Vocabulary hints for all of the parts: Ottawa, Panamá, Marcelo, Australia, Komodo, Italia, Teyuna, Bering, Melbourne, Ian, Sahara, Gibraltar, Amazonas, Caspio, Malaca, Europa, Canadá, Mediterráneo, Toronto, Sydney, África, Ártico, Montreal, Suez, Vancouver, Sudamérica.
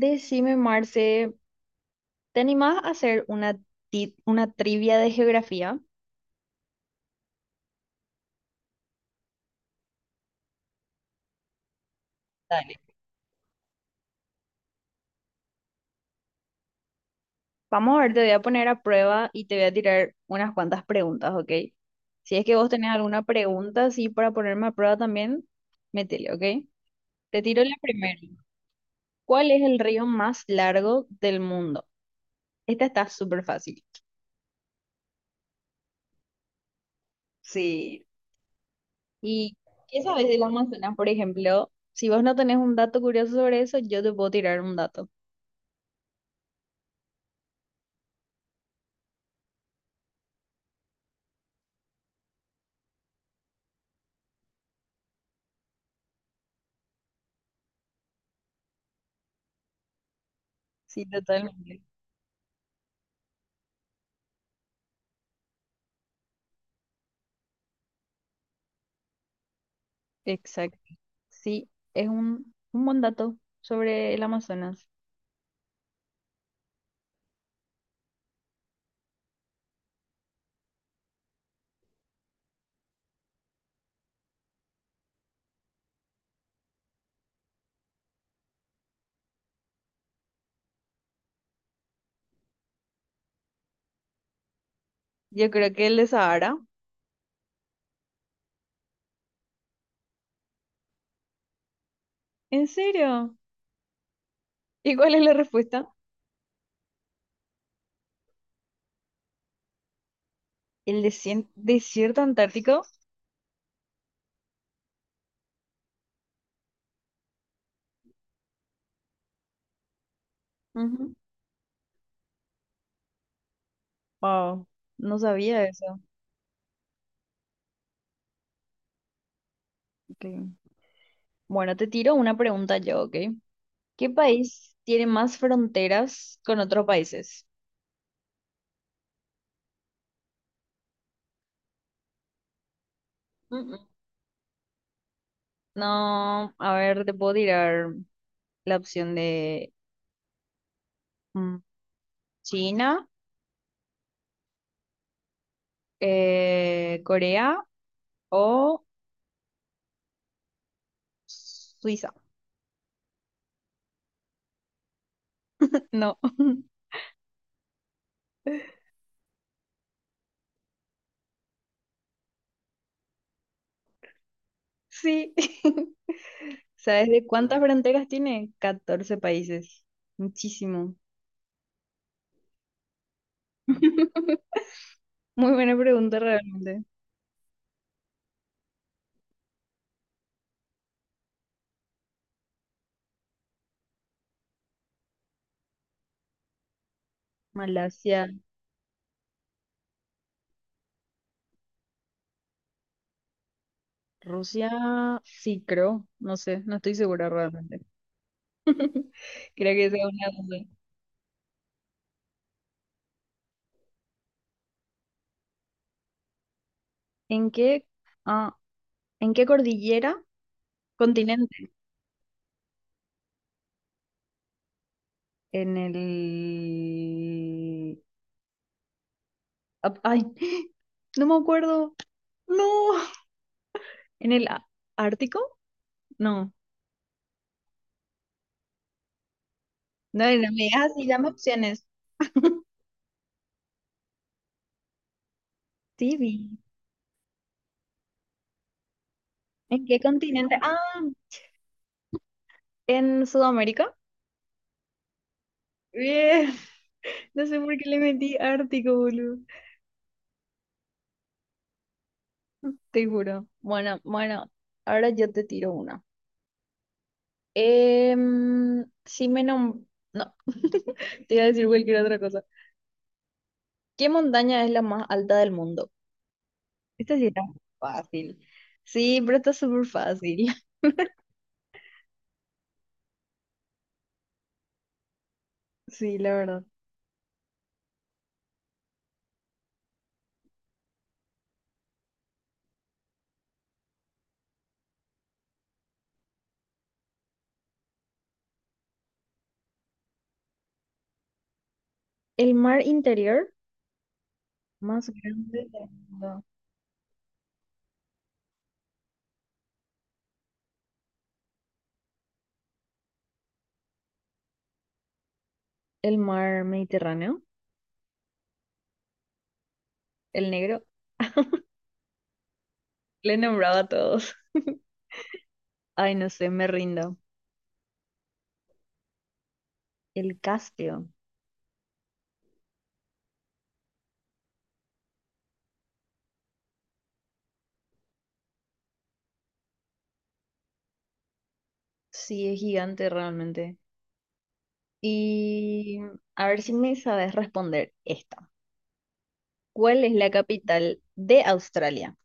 Decime, Marce, ¿te animás a hacer una, una trivia de geografía? Dale. Vamos a ver, te voy a poner a prueba y te voy a tirar unas cuantas preguntas, ¿ok? Si es que vos tenés alguna pregunta así para ponerme a prueba también, métele, ¿ok? Te tiro la primera. ¿Cuál es el río más largo del mundo? Esta está súper fácil. Sí. ¿Y qué sabes del Amazonas, por ejemplo? Si vos no tenés un dato curioso sobre eso, yo te puedo tirar un dato. Sí, totalmente. Exacto. Sí, es un buen dato sobre el Amazonas. Yo creo que el de Sahara. ¿En serio? ¿Y cuál es la respuesta? Desierto antártico? Ujú. Wow, no sabía eso. Ok. Bueno, te tiro una pregunta yo, ¿ok? ¿Qué país tiene más fronteras con otros países? Mm, mm. No, a ver, te puedo tirar la opción de mm, China, Corea o Suiza. No. Sí. ¿Sabes de cuántas fronteras tiene? 14 países. Muchísimo. Muy buena pregunta realmente. Malasia, Rusia, sí creo, no sé, no estoy segura realmente. Creo que sea una duda. ¿En qué, ah, ¿en qué cordillera? Continente. En el... ay, no me acuerdo. No. ¿En el Ártico? No. No, no me digas así, dame opciones. Sí, vi. ¿En qué continente? Ah, en Sudamérica. Bien. No sé por qué le metí Ártico, boludo. Te juro. Bueno, ahora yo te tiro una. Em, si me nom- No, te iba a decir cualquier otra cosa. ¿Qué montaña es la más alta del mundo? Esta sí está fácil. Sí, pero está súper fácil. Sí, la verdad. El mar interior más grande del mundo. El mar Mediterráneo, el negro. Le he nombrado a todos. Ay, no sé, me rindo. El Caspio. Sí, es gigante realmente. Y a ver si me sabes responder esta. ¿Cuál es la capital de Australia?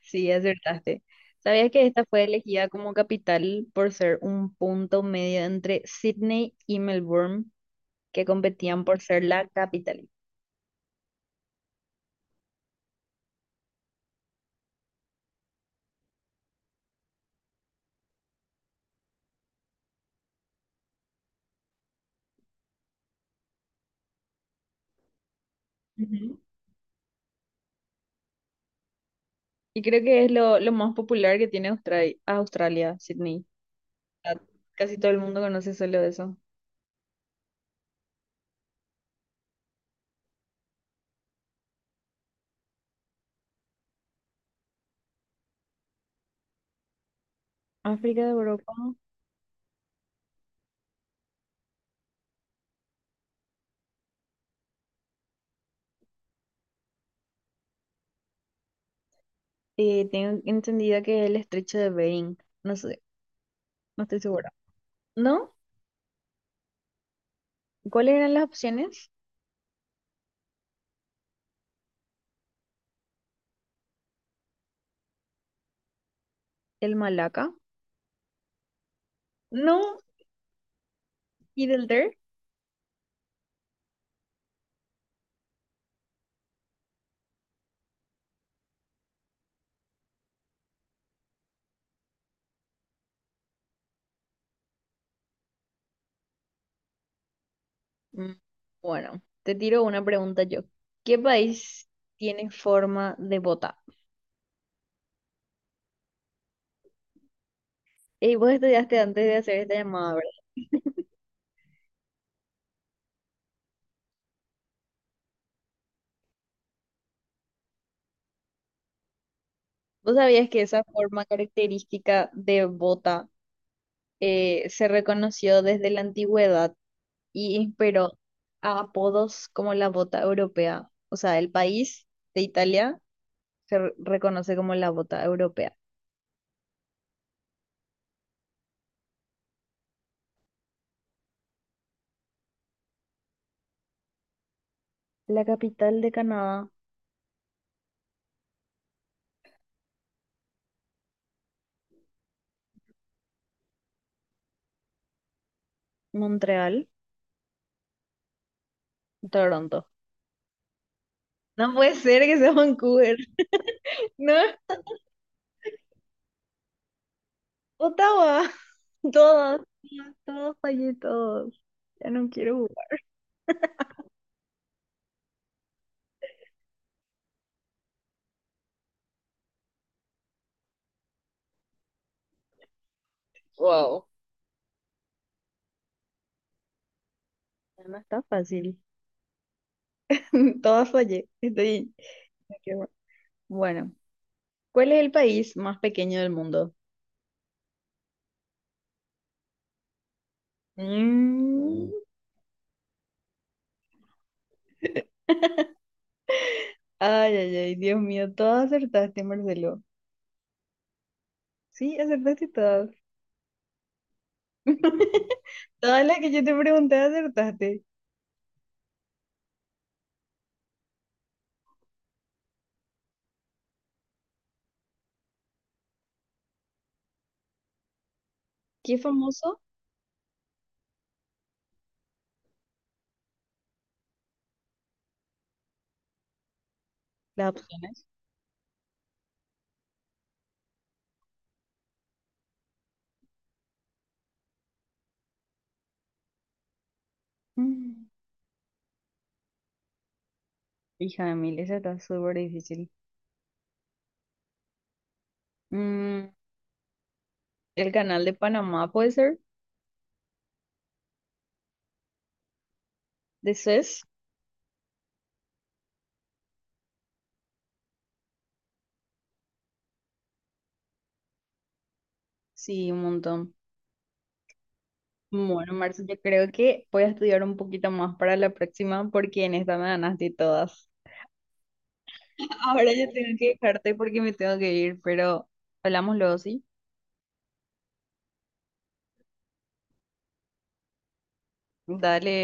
Sí, acertaste. ¿Sabías que esta fue elegida como capital por ser un punto medio entre Sydney y Melbourne, que competían por ser la capital? Ujú. Y creo que es lo más popular que tiene Australia, Australia, Sydney. Ah, casi todo el mundo conoce solo eso. África, Europa. Tengo entendido que es el estrecho de Bering, no sé, no estoy segura. ¿No? ¿Cuáles eran las opciones? El Malaca. No, Gibraltar. Mm. Bueno, te tiro una pregunta yo. ¿Qué país tiene forma de bota? Ey, vos estudiaste antes de hacer esta llamada, ¿verdad? ¿Vos sabías que esa forma característica de bota se reconoció desde la antigüedad y inspiró a apodos como la bota europea? O sea, el país de Italia reconoce como la bota europea. La capital de Canadá, Montreal, Toronto. No puede ser que sea Vancouver. No, Ottawa. Todos, todos, fallé, todos. Ya no quiero jugar. Wow. Ya no está fácil. Todas fallé. Estoy... me quedo. Bueno, ¿cuál es el país más pequeño del mundo? Mm. Ay, ay, ay, Dios mío, todas acertaste, Marcelo. Sí, acertaste todas. Todas las que yo te pregunté acertaste. ¿Qué famoso? Las opciones. Mm, hija de mil, esa está súper difícil. Mm, el canal de Panamá puede ser, de Suez. Sí, un montón. Bueno, Marce, yo creo que voy a estudiar un poquito más para la próxima porque en esta me ganaste todas. Ahora yo tengo que dejarte porque me tengo que ir, pero hablamos luego, ¿sí? Dale.